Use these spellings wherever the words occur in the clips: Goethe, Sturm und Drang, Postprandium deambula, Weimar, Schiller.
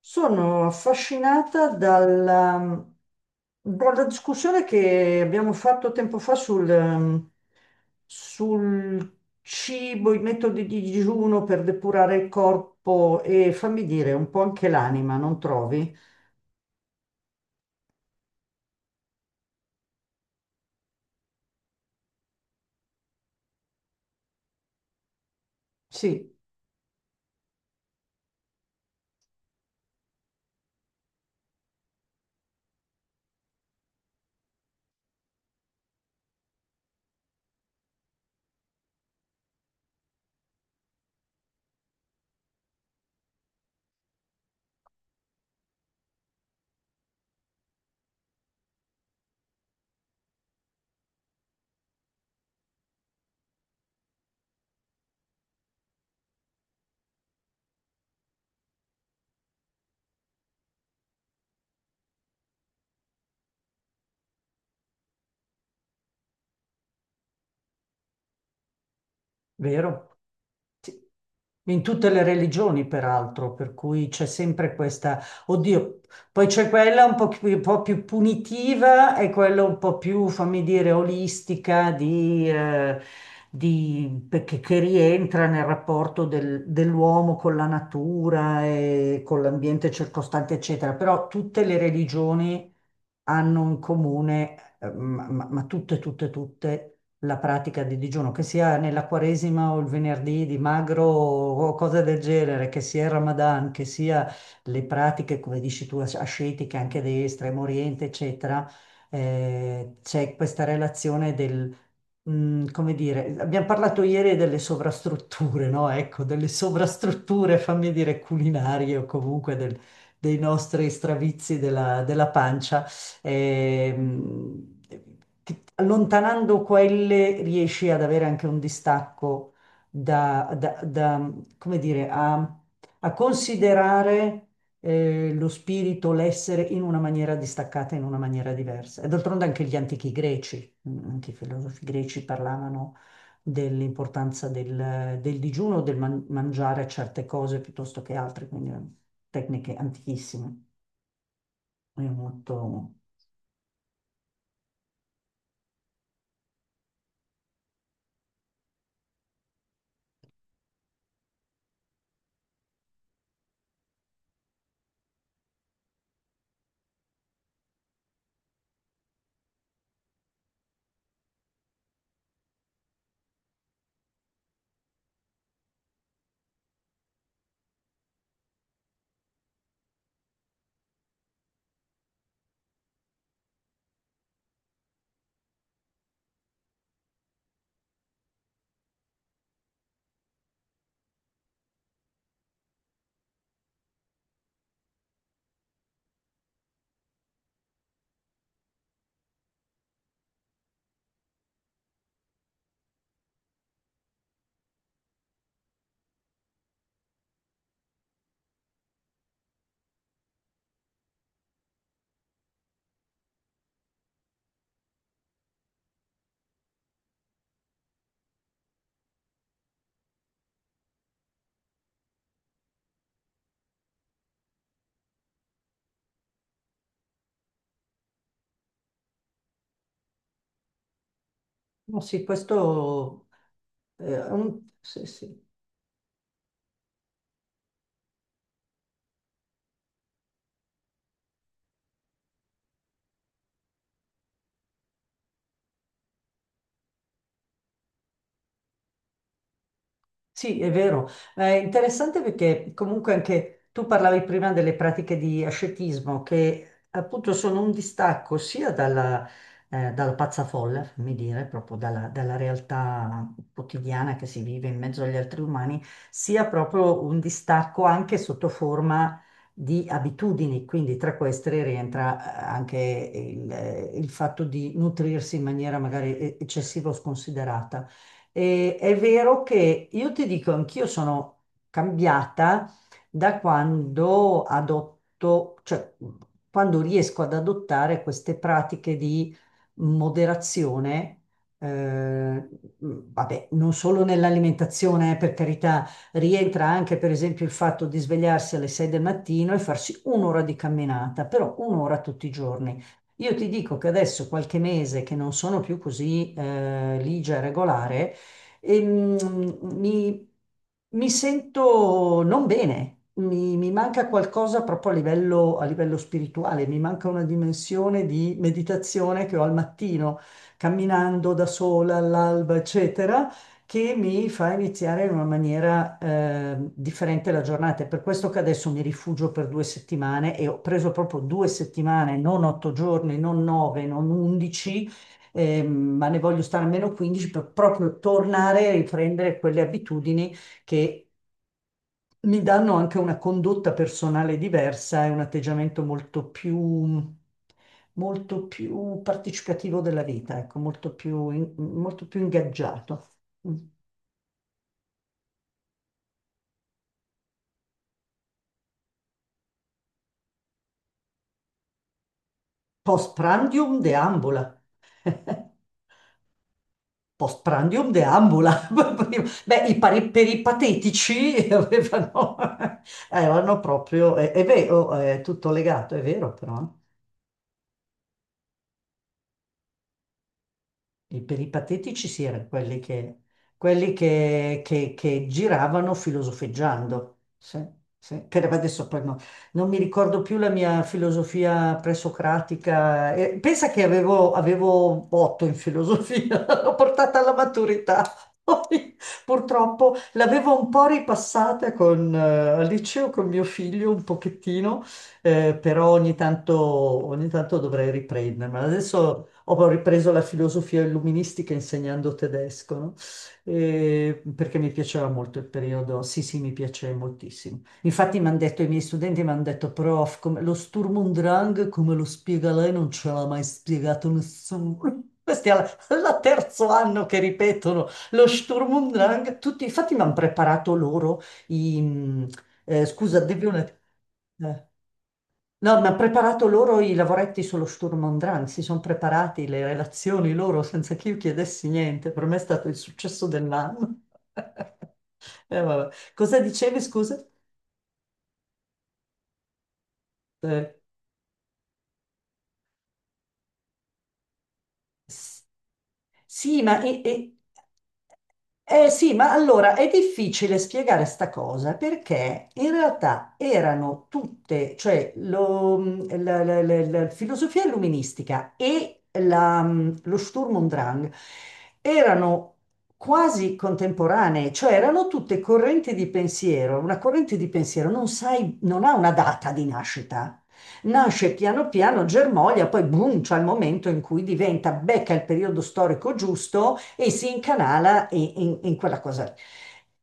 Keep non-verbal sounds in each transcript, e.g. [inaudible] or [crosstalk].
Sono affascinata dalla discussione che abbiamo fatto tempo fa sul cibo, i metodi di digiuno per depurare il corpo e fammi dire un po' anche l'anima, non trovi? Sì. Vero? Sì. In tutte le religioni, peraltro, per cui c'è sempre questa, oddio, poi c'è quella un po' più punitiva e quella un po' più, fammi dire, olistica che rientra nel rapporto dell'uomo con la natura e con l'ambiente circostante, eccetera. Però tutte le religioni hanno in comune, ma tutte, tutte, tutte la pratica di digiuno, che sia nella Quaresima o il venerdì di magro o cose del genere, che sia il Ramadan, che sia le pratiche, come dici tu, ascetiche anche dell'Estremo Oriente, eccetera, c'è questa relazione come dire, abbiamo parlato ieri delle sovrastrutture, no? Ecco, delle sovrastrutture, fammi dire, culinarie o comunque dei nostri stravizi della pancia. Ehm, Allontanando quelle riesci ad avere anche un distacco da, come dire, a considerare lo spirito, l'essere in una maniera distaccata, in una maniera diversa. E d'altronde anche gli antichi greci, anche i filosofi greci parlavano dell'importanza del digiuno, del mangiare certe cose piuttosto che altre, quindi tecniche antichissime. È molto. No, sì, questo. Sì, sì. Sì, è vero. È interessante perché comunque anche tu parlavi prima delle pratiche di ascetismo che appunto sono un distacco sia dalla pazza folla, fammi dire, proprio dalla realtà quotidiana che si vive in mezzo agli altri umani, sia proprio un distacco anche sotto forma di abitudini. Quindi tra queste rientra anche il fatto di nutrirsi in maniera magari eccessiva o sconsiderata. E è vero che io ti dico, anch'io sono cambiata da quando adotto, cioè quando riesco ad adottare queste pratiche di moderazione, eh, vabbè, non solo nell'alimentazione, per carità, rientra anche per esempio il fatto di svegliarsi alle 6 del mattino e farsi un'ora di camminata, però un'ora tutti i giorni. Io ti dico che adesso qualche mese che non sono più così ligia e regolare, e, mm, mi, mi sento non bene, mi manca qualcosa proprio a livello spirituale, mi manca una dimensione di meditazione che ho al mattino, camminando da sola all'alba, eccetera, che mi fa iniziare in una maniera differente la giornata. È per questo che adesso mi rifugio per 2 settimane e ho preso proprio 2 settimane, non 8 giorni, non nove, non 11, ma ne voglio stare almeno 15 per proprio tornare a riprendere quelle abitudini che mi danno anche una condotta personale diversa e un atteggiamento molto più partecipativo della vita, ecco, molto più ingaggiato. Postprandium deambula. Postprandium deambula. [laughs] Beh, per i patetici [laughs] avevano proprio, è vero, è tutto legato, è vero però. E per i patetici si erano quelli che, quelli che giravano filosofeggiando. Sì, sì. Che adesso poi non mi ricordo più la mia filosofia presocratica. Pensa che avevo 8 in filosofia, [laughs] l'ho portata alla maturità. Poi, purtroppo l'avevo un po' ripassata al liceo con mio figlio un pochettino, però ogni tanto dovrei riprendermela. Adesso ho ripreso la filosofia illuministica insegnando tedesco, no? Perché mi piaceva molto il periodo, sì, sì, mi piace moltissimo. Infatti mi hanno detto, i miei studenti mi hanno detto, prof, lo Sturm und Drang, come lo spiega lei, non ce l'ha mai spiegato nessuno. [laughs] Questi al terzo anno che ripetono lo Sturm und Drang, tutti, infatti mi hanno preparato loro i... mm, Scusa, devi un attimo. No, ma ha preparato loro i lavoretti sullo Sturm und Drang, si sono preparati le relazioni loro senza che io chiedessi niente. Per me è stato il successo dell'anno. [laughs] Vabbè. Cosa dicevi, scusa? Eh. S- Sì, ma, sì, ma allora è difficile spiegare sta cosa perché in realtà erano tutte, cioè la filosofia illuministica e lo Sturm und Drang erano quasi contemporanee, cioè erano tutte correnti di pensiero. Una corrente di pensiero non sai, non ha una data di nascita, nasce piano piano germoglia, poi boom, c'è il momento in cui diventa, becca il periodo storico giusto e si incanala in, in quella cosa lì.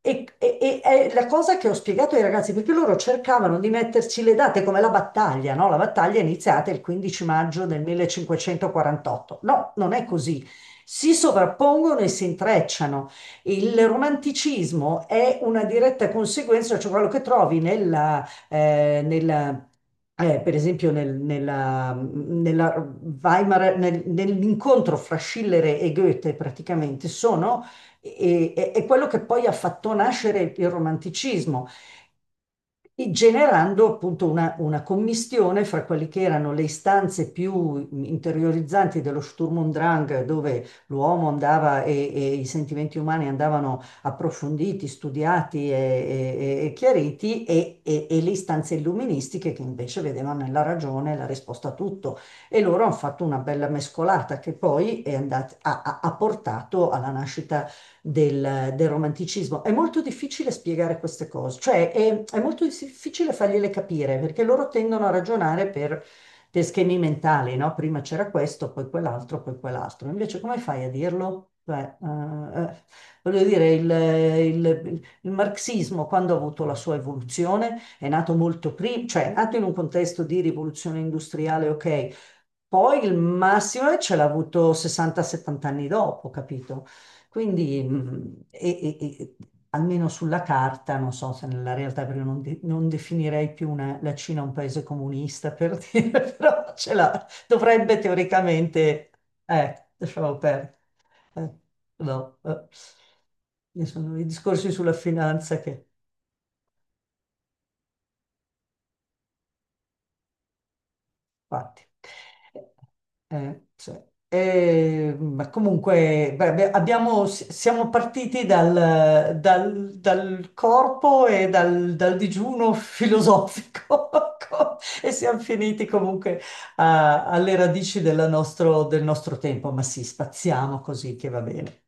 E è la cosa che ho spiegato ai ragazzi, perché loro cercavano di metterci le date come la battaglia, no? La battaglia è iniziata il 15 maggio del 1548. No, non è così. Si sovrappongono e si intrecciano. Il romanticismo è una diretta conseguenza, cioè quello che trovi per esempio nella Weimar, nell'incontro fra Schiller e Goethe praticamente sono, è quello che poi ha fatto nascere il romanticismo e generando appunto una commistione fra quelle che erano le istanze più interiorizzanti dello Sturm und Drang, dove l'uomo andava e i sentimenti umani andavano approfonditi, studiati e chiariti, e le istanze illuministiche che invece vedevano nella ragione la risposta a tutto. E loro hanno fatto una bella mescolata che poi è andat- ha ha- ha portato alla nascita del romanticismo. È molto difficile spiegare queste cose, cioè è molto difficile fargliele capire perché loro tendono a ragionare per schemi mentali, no? Prima c'era questo, poi quell'altro, poi quell'altro. Invece come fai a dirlo? Cioè, voglio dire, il marxismo quando ha avuto la sua evoluzione è nato molto prima, cioè è nato in un contesto di rivoluzione industriale, ok, poi il massimo ce l'ha avuto 60-70 anni dopo, capito? Quindi, almeno sulla carta, non so se nella realtà, perché non definirei più la Cina un paese comunista, per [laughs] dire, però ce l'ha, dovrebbe teoricamente, lasciamo perdere, eh, no. Ci sono i discorsi sulla finanza che. Infatti. Eh, cioè, ma comunque beh, beh, siamo partiti dal corpo e dal digiuno filosofico [laughs] e siamo finiti comunque alle radici del nostro tempo, ma sì, spaziamo così che va bene.